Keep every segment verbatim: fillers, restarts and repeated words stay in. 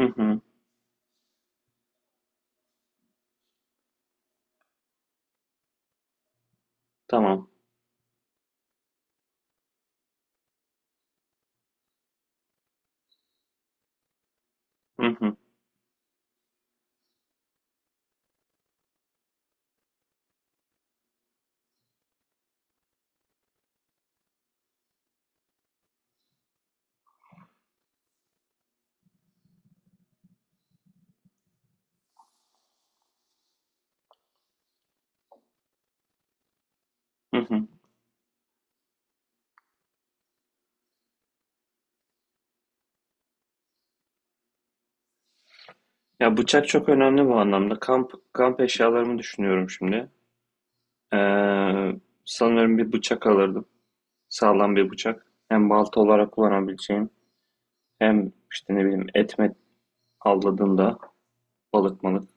Hı hı, tamam. Hı hı, hı hı. Ya bıçak çok önemli bu anlamda. Kamp kamp eşyalarımı düşünüyorum şimdi. Ee, Sanırım bir bıçak alırdım. Sağlam bir bıçak. Hem balta olarak kullanabileceğim, hem işte ne bileyim et met avladığımda balık malık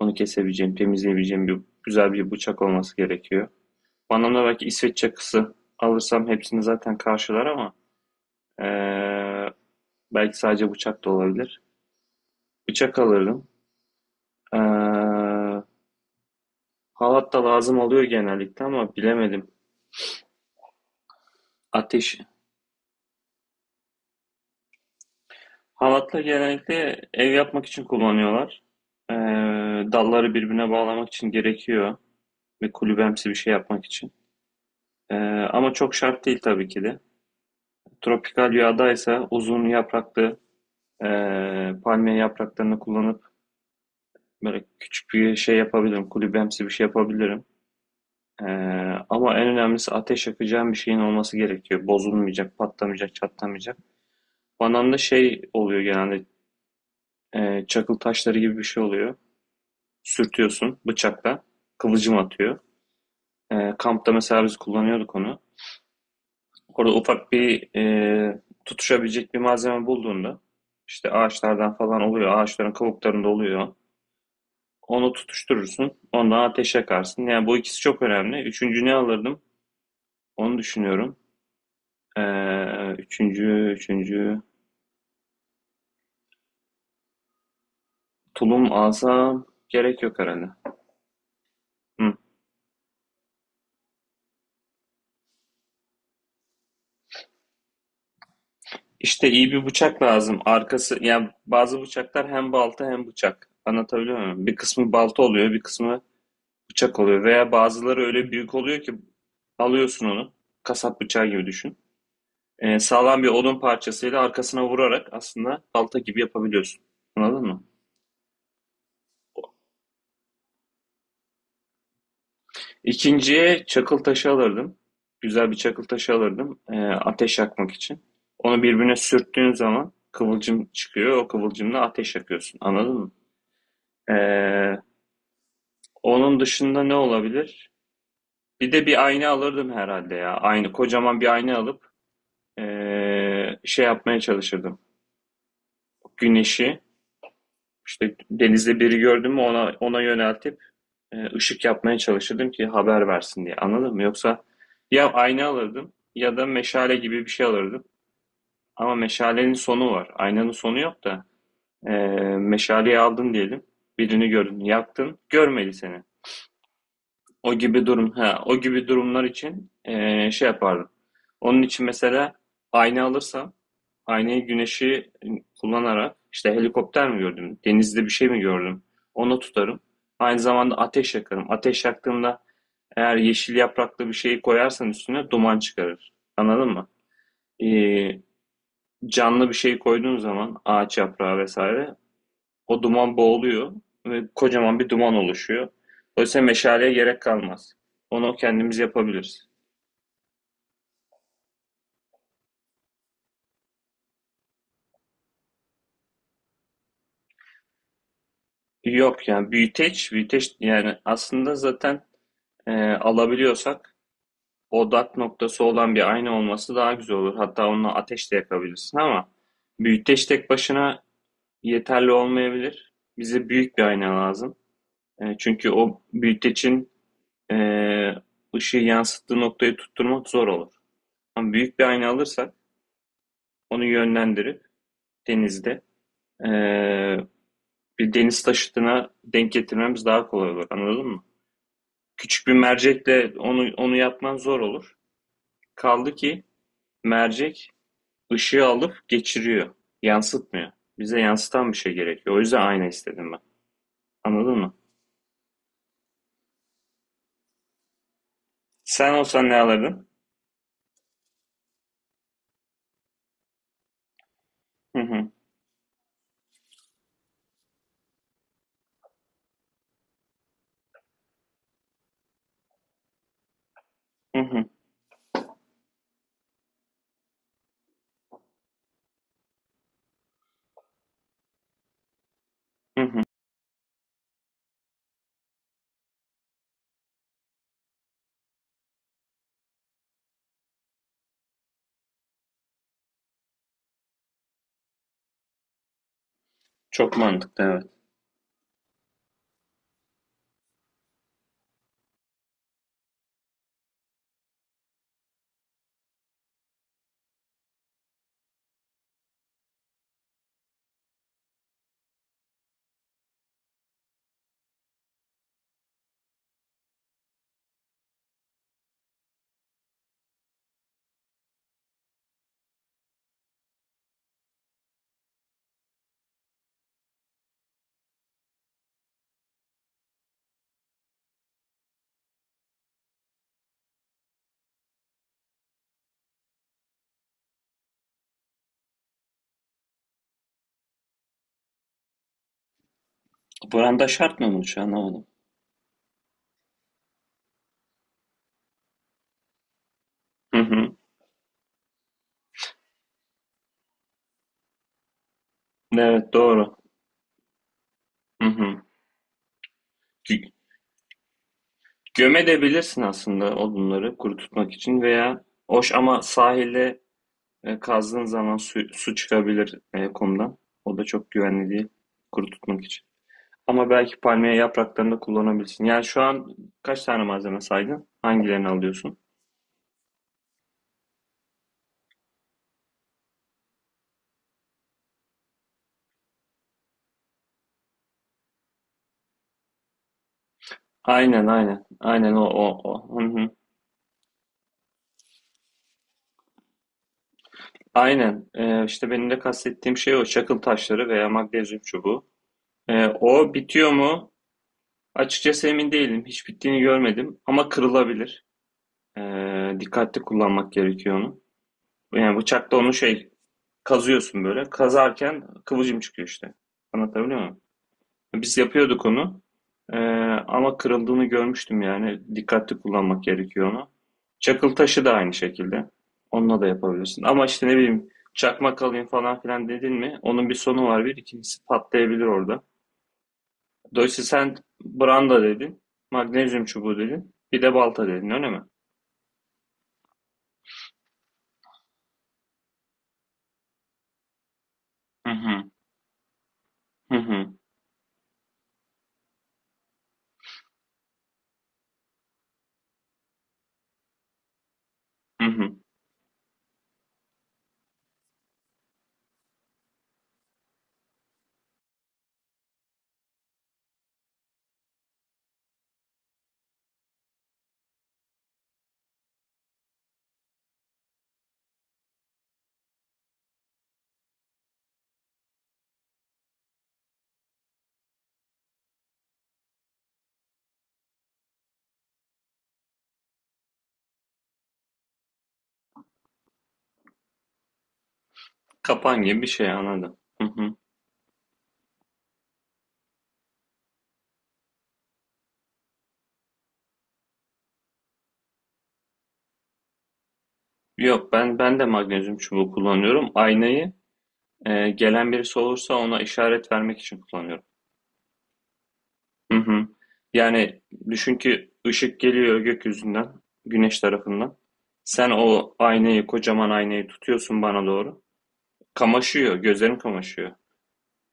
onu kesebileceğim, temizleyebileceğim bir güzel bir bıçak olması gerekiyor. Bu anlamda belki İsveç çakısı alırsam hepsini zaten karşılar ama ee, belki sadece bıçak da olabilir. Bıçak alırdım. Ee, Halat da lazım oluyor genellikle ama bilemedim. Ateş. Halatla genellikle ev yapmak için kullanıyorlar. Ee, Dalları birbirine bağlamak için gerekiyor. Ve kulübemsi bir şey yapmak için. Ee, Ama çok şart değil tabii ki de. Tropikal yağdaysa uzun yapraklı ee, palmiye yapraklarını kullanıp böyle küçük bir şey yapabilirim. Kulübemsi bir şey yapabilirim. Ee, Ama en önemlisi ateş yakacağım bir şeyin olması gerekiyor. Bozulmayacak, patlamayacak, çatlamayacak. Bananda şey oluyor genelde, e, çakıl taşları gibi bir şey oluyor. Sürtüyorsun bıçakla. Kıvılcım atıyor. E, kampta mesela biz kullanıyorduk onu. Orada ufak bir e, tutuşabilecek bir malzeme bulduğunda işte ağaçlardan falan oluyor. Ağaçların kabuklarında oluyor. Onu tutuşturursun. Ondan ateş yakarsın. Yani bu ikisi çok önemli. Üçüncü ne alırdım? Onu düşünüyorum. E, üçüncü, üçüncü tulum alsam gerek yok herhalde. Hı. İşte iyi bir bıçak lazım. Arkası yani bazı bıçaklar hem balta hem bıçak. Anlatabiliyor muyum? Bir kısmı balta oluyor, bir kısmı bıçak oluyor. Veya bazıları öyle büyük oluyor ki alıyorsun onu. Kasap bıçağı gibi düşün. Ee, sağlam bir odun parçasıyla arkasına vurarak aslında balta gibi yapabiliyorsun. Anladın mı? İkinciye çakıl taşı alırdım. Güzel bir çakıl taşı alırdım. Ee, ateş yakmak için. Onu birbirine sürttüğün zaman kıvılcım çıkıyor. O kıvılcımla ateş yakıyorsun. Anladın mı? Ee, Onun dışında ne olabilir? Bir de bir ayna alırdım herhalde ya. Aynı kocaman bir ayna alıp eee, şey yapmaya çalışırdım. Güneşi işte denizde biri gördüm mü ona ona yöneltip eee, ışık yapmaya çalışırdım ki haber versin diye. Anladın mı? Yoksa ya ayna alırdım ya da meşale gibi bir şey alırdım. Ama meşalenin sonu var. Aynanın sonu yok da eee meşaleyi aldın diyelim. Birini gördün, yaktın, görmedi seni. O gibi durum, ha, o gibi durumlar için eee, şey yapardım. Onun için mesela ayna alırsam, aynayı güneşi kullanarak işte helikopter mi gördüm, denizde bir şey mi gördüm, onu tutarım. Aynı zamanda ateş yakarım. Ateş yaktığımda eğer yeşil yapraklı bir şeyi koyarsan üstüne duman çıkarır. Anladın mı? Eee, Canlı bir şey koyduğun zaman ağaç yaprağı vesaire o duman boğuluyor ve kocaman bir duman oluşuyor. Dolayısıyla meşaleye gerek kalmaz. Onu kendimiz yapabiliriz. Yok yani büyüteç, büyüteç yani aslında zaten e, alabiliyorsak odak noktası olan bir ayna olması daha güzel olur. Hatta onunla ateş de yakabilirsin ama büyüteç tek başına yeterli olmayabilir. Bize büyük bir ayna lazım. E, çünkü o büyütecin e, ışığı yansıttığı noktayı tutturmak zor olur. Ama büyük bir ayna alırsak onu yönlendirip denizde eee, bir deniz taşıtına denk getirmemiz daha kolay olur. Anladın mı? Küçük bir mercekle onu onu yapman zor olur. Kaldı ki mercek ışığı alıp geçiriyor. Yansıtmıyor. Bize yansıtan bir şey gerekiyor. O yüzden ayna istedim ben. Anladın mı? Sen olsan ne alırdın? Hı hı. Hı hı. Hı hı. Çok mantıklı, evet. Branda şart mı, bunu şu an anlamadım. Hı hı. Evet, doğru. Hı hı. Gömebilirsin aslında odunları kuru tutmak için veya hoş ama sahilde e, kazdığın zaman su, su çıkabilir, e, kumdan. O da çok güvenli değil kuru tutmak için. Ama belki palmiye yapraklarını da kullanabilirsin. Yani şu an kaç tane malzeme saydın? Hangilerini alıyorsun? Aynen, aynen. Aynen, o o o. Hı hı. Aynen. E, işte benim de kastettiğim şey o. Çakıl taşları veya magnezyum çubuğu. E, o bitiyor mu? Açıkçası emin değilim. Hiç bittiğini görmedim. Ama kırılabilir. Ee, dikkatli kullanmak gerekiyor onu. Yani bıçakla onu şey kazıyorsun böyle. Kazarken kıvılcım çıkıyor işte. Anlatabiliyor muyum? Biz yapıyorduk onu. Ee, Ama kırıldığını görmüştüm yani. Dikkatli kullanmak gerekiyor onu. Çakıl taşı da aynı şekilde. Onunla da yapabilirsin. Ama işte ne bileyim çakmak alayım falan filan dedin mi? Onun bir sonu var bir. İkincisi patlayabilir orada. Dolayısıyla sen branda dedin. Magnezyum çubuğu dedin. Bir de balta dedin, öyle mi? Hı hı. Hı hı. Hı hı. Kapan gibi bir şey anladım. Hı hı. Yok, ben ben de magnezyum çubuğu kullanıyorum. Aynayı e, gelen birisi olursa ona işaret vermek için kullanıyorum. Hı hı. Yani düşün ki ışık geliyor gökyüzünden, güneş tarafından. Sen o aynayı, kocaman aynayı tutuyorsun bana doğru. Kamaşıyor, gözlerim kamaşıyor.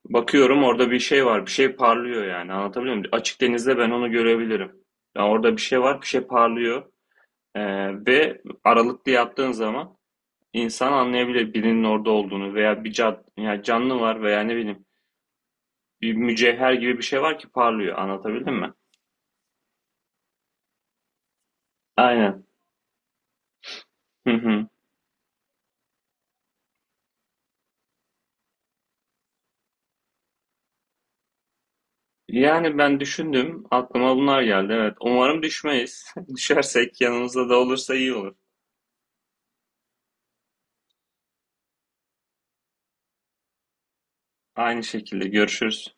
Bakıyorum orada bir şey var, bir şey parlıyor yani. Anlatabiliyor muyum? Açık denizde ben onu görebilirim. Ya orada bir şey var, bir şey parlıyor. E, Ve aralıklı yaptığın zaman İnsan anlayabilir birinin orada olduğunu veya bir cad, yani canlı var veya ne bileyim bir mücevher gibi bir şey var ki parlıyor. Anlatabildim mi? Aynen. Hı hı. Yani ben düşündüm, aklıma bunlar geldi. Evet, umarım düşmeyiz. Düşersek yanımızda da olursa iyi olur. Aynı şekilde, görüşürüz.